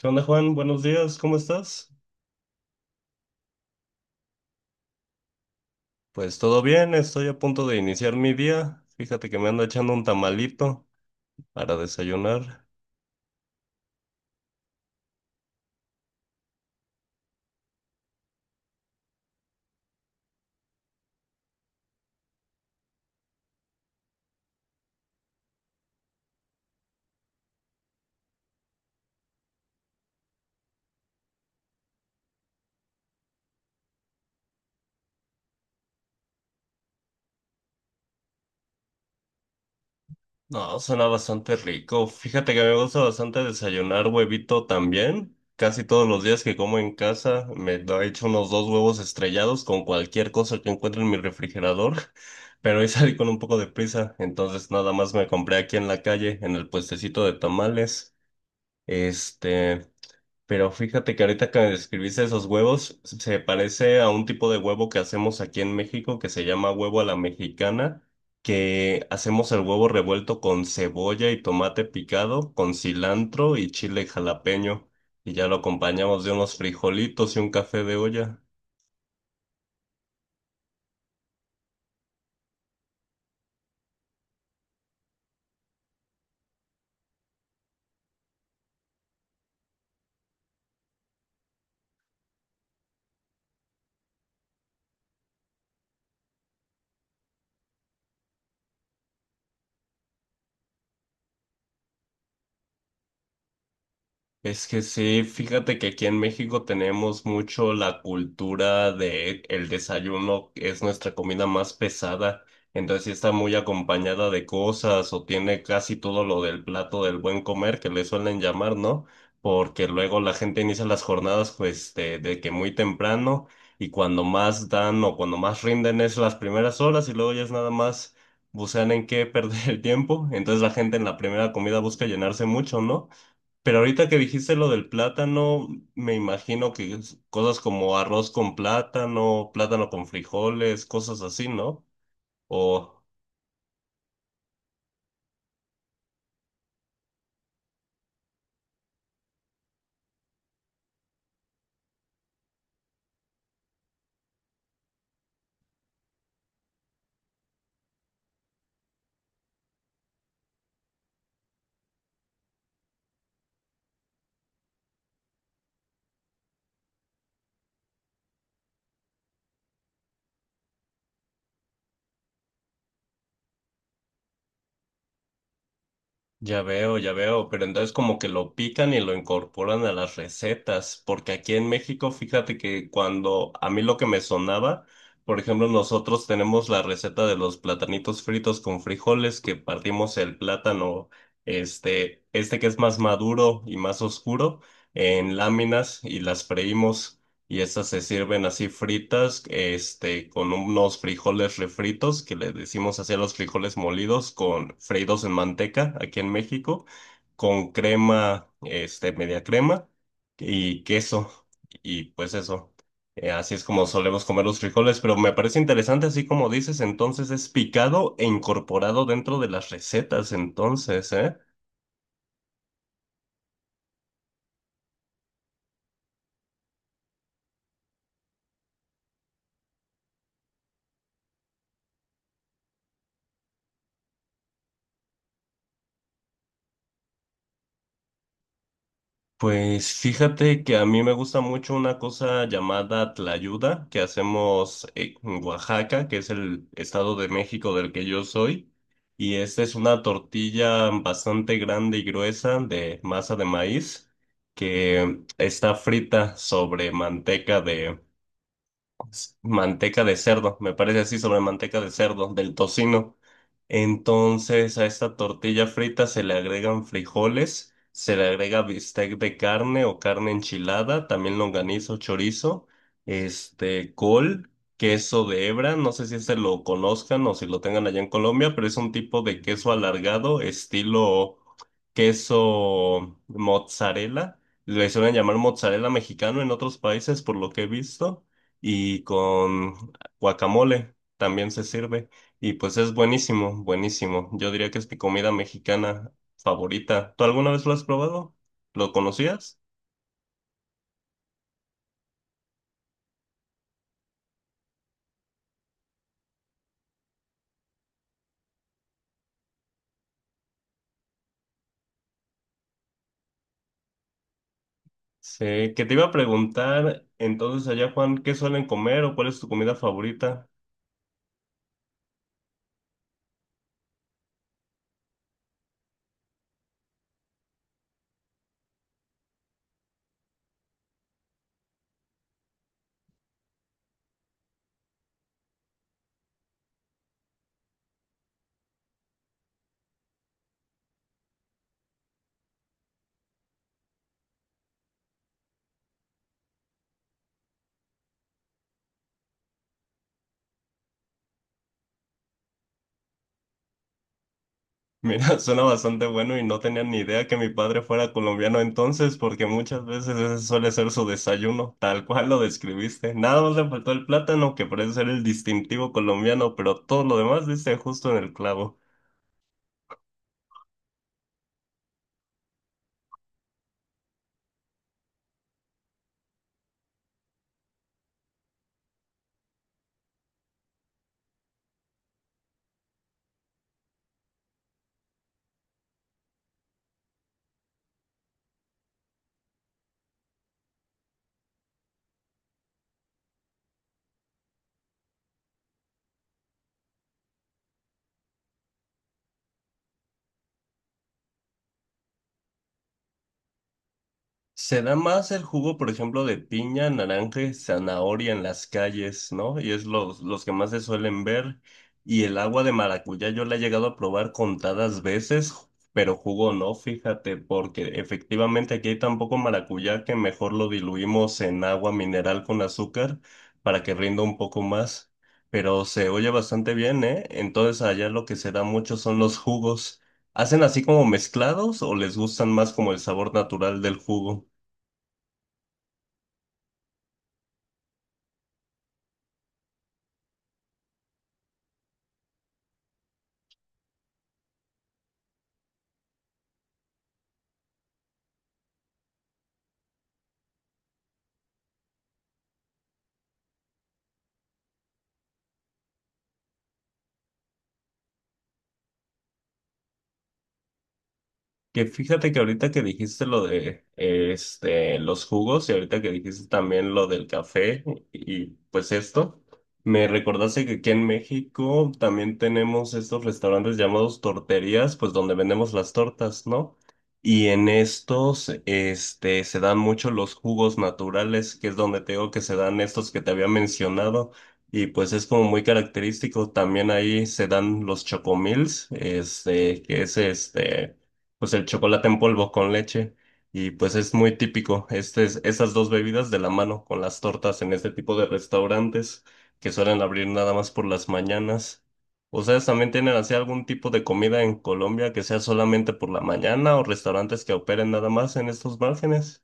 ¿Qué onda, Juan? Buenos días, ¿cómo estás? Pues todo bien, estoy a punto de iniciar mi día. Fíjate que me ando echando un tamalito para desayunar. No, suena bastante rico. Fíjate que me gusta bastante desayunar huevito también. Casi todos los días que como en casa me lo he hecho unos dos huevos estrellados con cualquier cosa que encuentre en mi refrigerador. Pero hoy salí con un poco de prisa, entonces nada más me compré aquí en la calle, en el puestecito de tamales. Este. Pero fíjate que ahorita que describiste esos huevos, se parece a un tipo de huevo que hacemos aquí en México que se llama huevo a la mexicana, que hacemos el huevo revuelto con cebolla y tomate picado, con cilantro y chile jalapeño, y ya lo acompañamos de unos frijolitos y un café de olla. Es que sí, fíjate que aquí en México tenemos mucho la cultura de el desayuno, que es nuestra comida más pesada, entonces sí está muy acompañada de cosas o tiene casi todo lo del plato del buen comer que le suelen llamar, ¿no? Porque luego la gente inicia las jornadas pues de que muy temprano y cuando más dan o cuando más rinden es las primeras horas y luego ya es nada más bucean en qué perder el tiempo, entonces la gente en la primera comida busca llenarse mucho, ¿no? Pero ahorita que dijiste lo del plátano, me imagino que es cosas como arroz con plátano, plátano con frijoles, cosas así, ¿no? O... ya veo, pero entonces como que lo pican y lo incorporan a las recetas, porque aquí en México, fíjate que cuando a mí lo que me sonaba, por ejemplo, nosotros tenemos la receta de los platanitos fritos con frijoles, que partimos el plátano, este que es más maduro y más oscuro, en láminas y las freímos y esas se sirven así fritas, con unos frijoles refritos, que le decimos así a los frijoles molidos, con freídos en manteca aquí en México, con crema, media crema y queso, y pues eso. Así es como solemos comer los frijoles, pero me parece interesante, así como dices, entonces es picado e incorporado dentro de las recetas, entonces, ¿eh? Pues fíjate que a mí me gusta mucho una cosa llamada tlayuda que hacemos en Oaxaca, que es el estado de México del que yo soy. Y esta es una tortilla bastante grande y gruesa de masa de maíz que está frita sobre manteca manteca de cerdo, me parece así, sobre manteca de cerdo, del tocino. Entonces a esta tortilla frita se le agregan frijoles, se le agrega bistec de carne o carne enchilada, también longaniza o chorizo, col, queso de hebra, no sé si este lo conozcan o si lo tengan allá en Colombia, pero es un tipo de queso alargado, estilo queso mozzarella. Le suelen llamar mozzarella mexicano en otros países, por lo que he visto y con guacamole también se sirve y pues es buenísimo, buenísimo. Yo diría que es mi comida mexicana favorita. ¿Tú alguna vez lo has probado? ¿Lo conocías? Sí, que te iba a preguntar entonces allá, Juan, ¿qué suelen comer o cuál es tu comida favorita? Mira, suena bastante bueno y no tenía ni idea que mi padre fuera colombiano entonces, porque muchas veces ese suele ser su desayuno, tal cual lo describiste. Nada más le faltó el plátano, que parece ser el distintivo colombiano, pero todo lo demás dice justo en el clavo. Se da más el jugo, por ejemplo, de piña, naranja y zanahoria en las calles, ¿no? Y es los que más se suelen ver. Y el agua de maracuyá yo la he llegado a probar contadas veces, pero jugo no, fíjate, porque efectivamente aquí hay tan poco maracuyá que mejor lo diluimos en agua mineral con azúcar para que rinda un poco más. Pero se oye bastante bien, ¿eh? Entonces allá lo que se da mucho son los jugos. ¿Hacen así como mezclados o les gustan más como el sabor natural del jugo? Que fíjate que ahorita que dijiste lo de los jugos y ahorita que dijiste también lo del café y pues esto, me recordaste que aquí en México también tenemos estos restaurantes llamados torterías, pues donde vendemos las tortas, ¿no? Y en estos se dan mucho los jugos naturales, que es donde te digo que se dan estos que te había mencionado. Y pues es como muy característico, también ahí se dan los chocomils, que es pues el chocolate en polvo con leche. Y pues es muy típico esas dos bebidas de la mano con las tortas en este tipo de restaurantes que suelen abrir nada más por las mañanas. ¿Ustedes también tienen así algún tipo de comida en Colombia que sea solamente por la mañana o restaurantes que operen nada más en estos márgenes?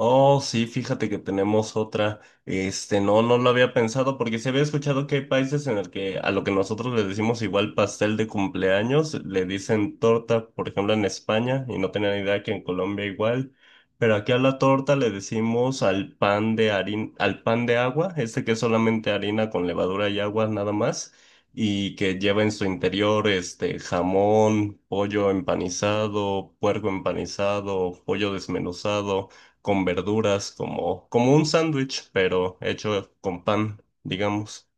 Oh, sí, fíjate que tenemos otra. No, no lo había pensado porque se había escuchado que hay países en el que a lo que nosotros le decimos igual pastel de cumpleaños, le dicen torta, por ejemplo, en España, y no tenía ni idea que en Colombia igual. Pero aquí a la torta le decimos al pan de harina, al pan de agua, este que es solamente harina con levadura y agua nada más, y que lleva en su interior este jamón, pollo empanizado, puerco empanizado, pollo desmenuzado con verduras, como, como un sándwich, pero hecho con pan, digamos.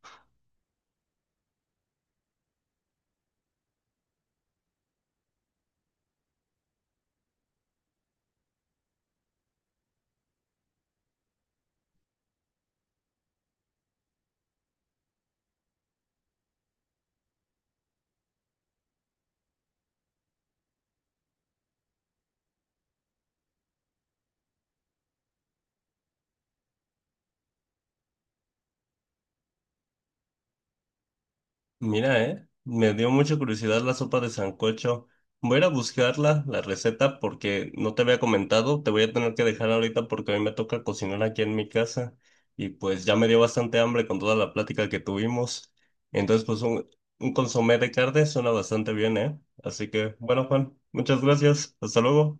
Mira, me dio mucha curiosidad la sopa de sancocho. Voy a ir a buscarla, la receta, porque no te había comentado, te voy a tener que dejar ahorita porque a mí me toca cocinar aquí en mi casa y pues ya me dio bastante hambre con toda la plática que tuvimos. Entonces, un consomé de carne suena bastante bien, ¿eh? Así que, bueno, Juan, muchas gracias. Hasta luego.